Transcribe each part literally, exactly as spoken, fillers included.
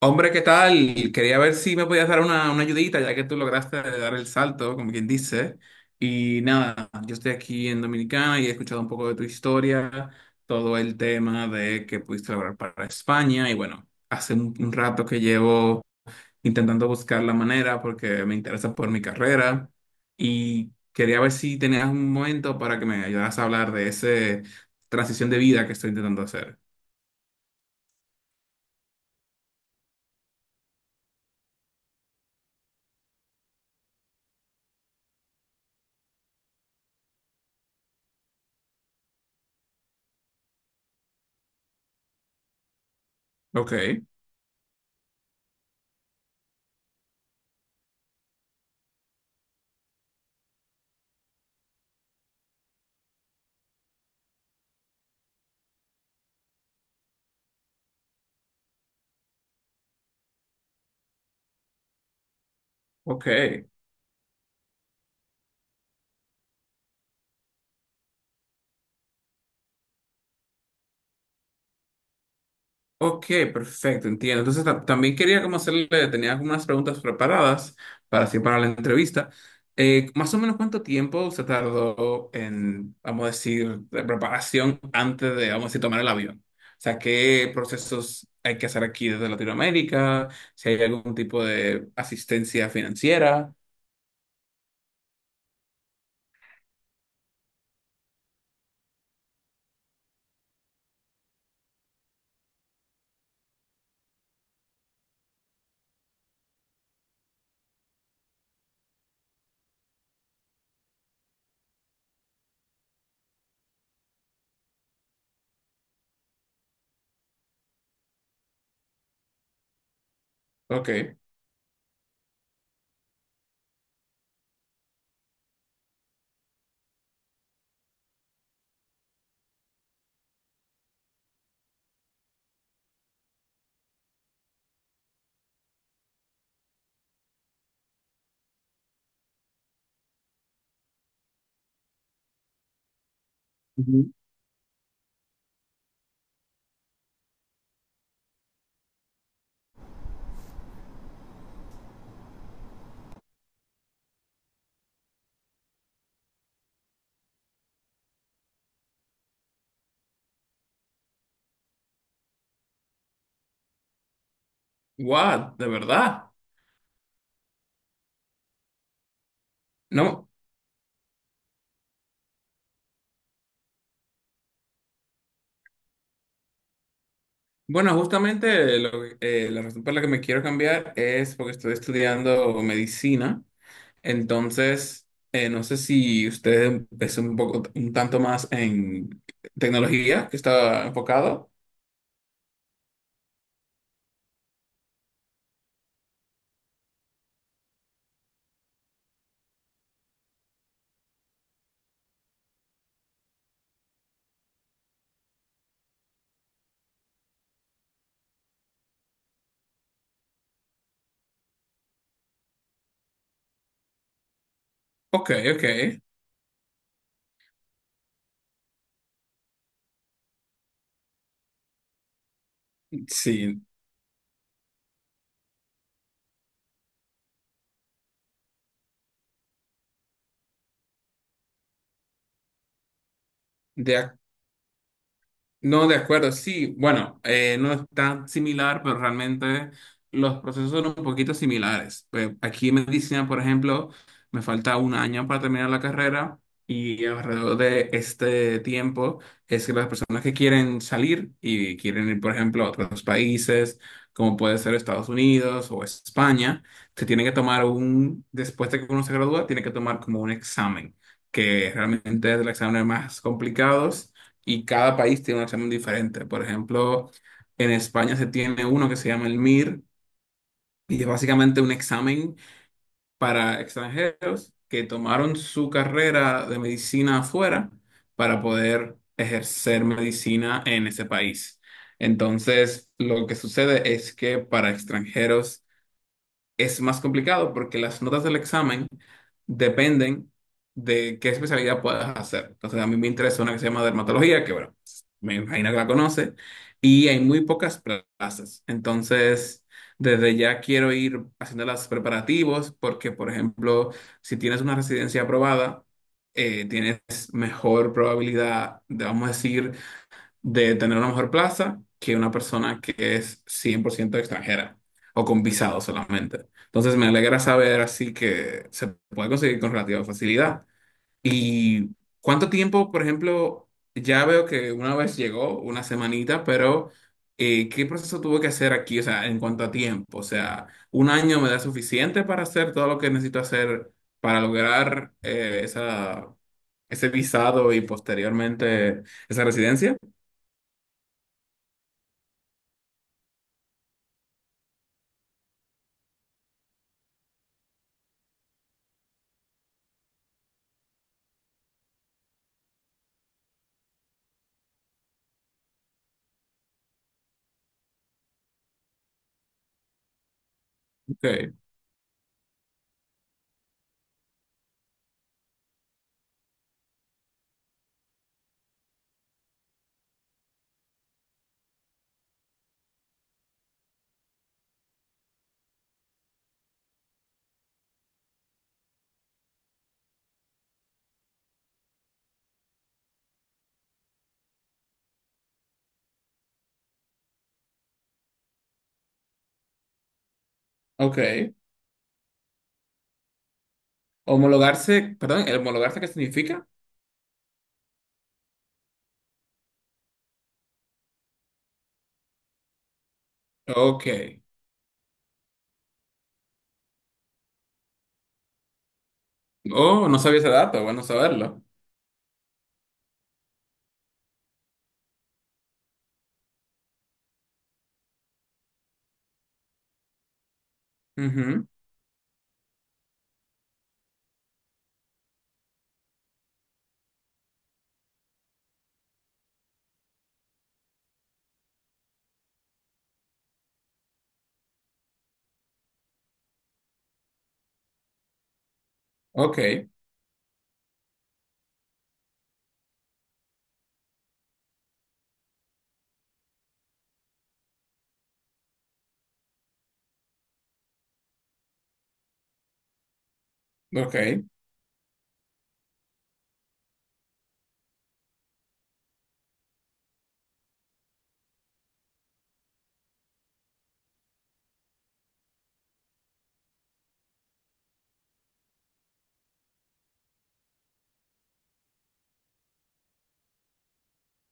Hombre, ¿qué tal? Quería ver si me podías dar una, una ayudita, ya que tú lograste dar el salto, como quien dice. Y nada, yo estoy aquí en Dominicana y he escuchado un poco de tu historia, todo el tema de que pudiste lograr para España. Y bueno, hace un, un rato que llevo intentando buscar la manera porque me interesa por mi carrera. Y quería ver si tenías un momento para que me ayudaras a hablar de esa transición de vida que estoy intentando hacer. Ok, ok. Ok, perfecto, entiendo. Entonces ta- también quería como hacerle, tenía algunas preguntas preparadas para así para la entrevista. Eh, más o menos cuánto tiempo se tardó en, vamos a decir, de preparación antes de, vamos a decir, tomar el avión. O sea, ¿qué procesos hay que hacer aquí desde Latinoamérica? Si hay algún tipo de asistencia financiera. Ok. Ujú. What, de verdad. No. Bueno, justamente lo eh, la razón por la que me quiero cambiar es porque estoy estudiando medicina. Entonces, eh, no sé si usted es un poco, un tanto más en tecnología que está enfocado. Ok, ok. Sí, de, ac- no, de acuerdo, sí, bueno, eh, no es tan similar, pero realmente los procesos son un poquito similares. Pues aquí en medicina, por ejemplo, me falta un año para terminar la carrera y alrededor de este tiempo es que las personas que quieren salir y quieren ir, por ejemplo, a otros países, como puede ser Estados Unidos o España, se tienen que tomar un, después de que uno se gradúa, tiene que tomar como un examen, que realmente es el examen más complicado y cada país tiene un examen diferente. Por ejemplo, en España se tiene uno que se llama el MIR y es básicamente un examen para extranjeros que tomaron su carrera de medicina afuera para poder ejercer medicina en ese país. Entonces, lo que sucede es que para extranjeros es más complicado porque las notas del examen dependen de qué especialidad puedas hacer. Entonces, a mí me interesa una que se llama dermatología, que bueno, me imagino que la conoce, y hay muy pocas plazas. Entonces, desde ya quiero ir haciendo los preparativos porque, por ejemplo, si tienes una residencia aprobada, eh, tienes mejor probabilidad, de, vamos a decir, de tener una mejor plaza que una persona que es cien por ciento extranjera o con visado solamente. Entonces me alegra saber así que se puede conseguir con relativa facilidad. ¿Y cuánto tiempo, por ejemplo, ya veo que una vez llegó, una semanita, pero eh, qué proceso tuvo que hacer aquí? O sea, en cuanto a tiempo, o sea, ¿un año me da suficiente para hacer todo lo que necesito hacer para lograr eh, esa, ese visado y posteriormente esa residencia? Ok. Ok. Homologarse, perdón, ¿el homologarse qué significa? Ok. Oh, no sabía ese dato, bueno saberlo. Ujú. Ok, ok,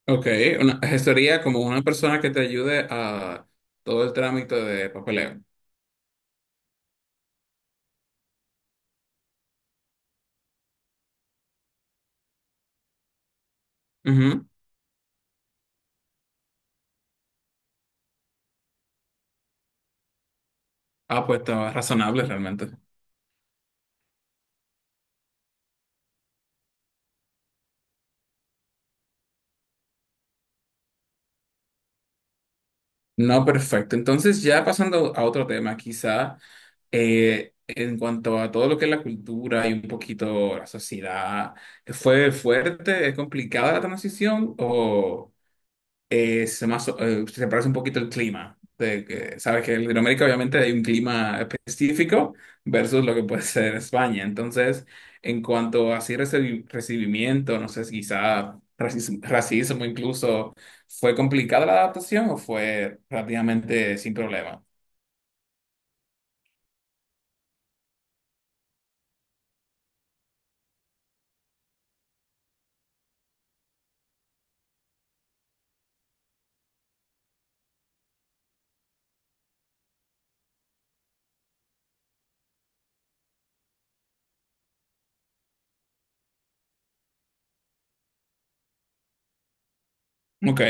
ok. Una gestoría como una persona que te ayude a todo el trámite de papeleo. Ujú. Ah, pues está razonable realmente. No, perfecto. Entonces, ya pasando a otro tema, quizá eh, en cuanto a todo lo que es la cultura y un poquito la sociedad, ¿fue fuerte, es complicada la transición o...? Es más, eh, se parece un poquito el clima. De que, sabes que en Latinoamérica obviamente hay un clima específico versus lo que puede ser España. Entonces, en cuanto a así recibi- recibimiento, no sé si quizá racismo, racismo incluso, ¿fue complicada la adaptación o fue relativamente sin problema? Ok,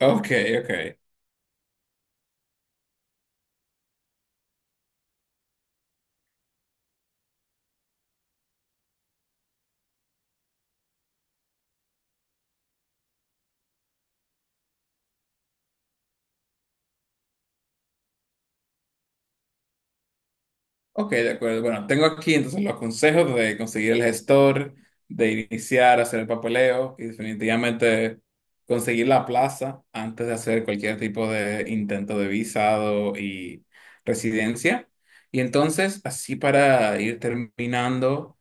ok, ok. Ok, de acuerdo. Bueno, tengo aquí entonces los consejos de conseguir el gestor, de iniciar a hacer el papeleo y definitivamente conseguir la plaza antes de hacer cualquier tipo de intento de visado y residencia. Y entonces, así para ir terminando,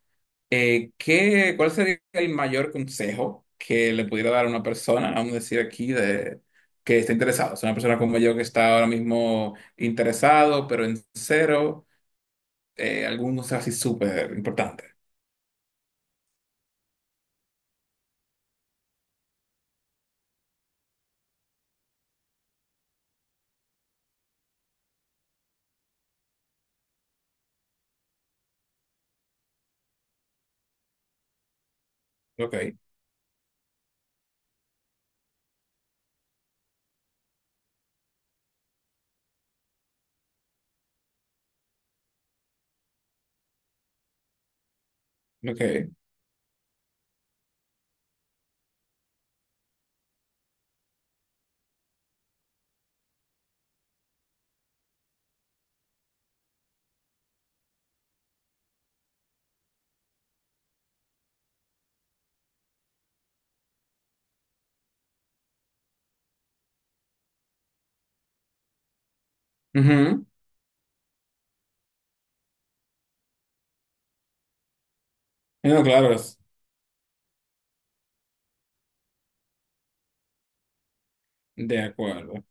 eh, ¿qué, cuál sería el mayor consejo que le pudiera dar a una persona, vamos a decir aquí, de, que está interesado? Es una persona como yo que está ahora mismo interesado, pero en cero eh, algunos así súper importantes. Ok, ok. Ujú. No, claro, es- de acuerdo.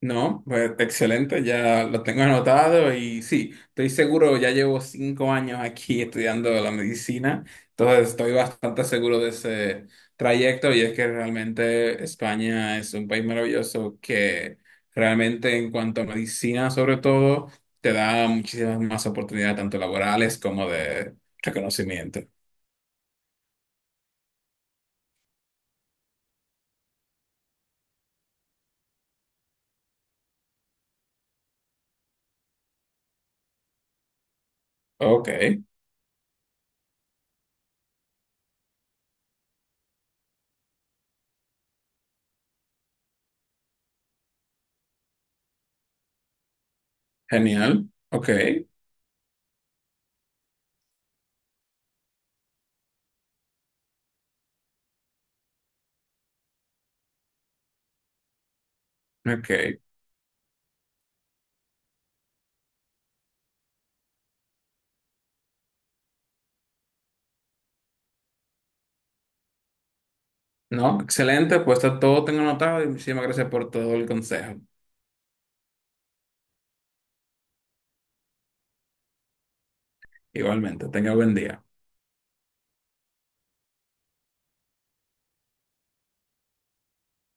No, pues, excelente, ya lo tengo anotado y sí, estoy seguro, ya llevo cinco años aquí estudiando la medicina, entonces estoy bastante seguro de ese trayecto y es que realmente España es un país maravilloso que realmente en cuanto a medicina sobre todo te da muchísimas más oportunidades tanto laborales como de reconocimiento. Ok. Genial. Ok, ok. No, excelente. Pues está todo tengo anotado y muchísimas gracias por todo el consejo. Igualmente, tenga buen día.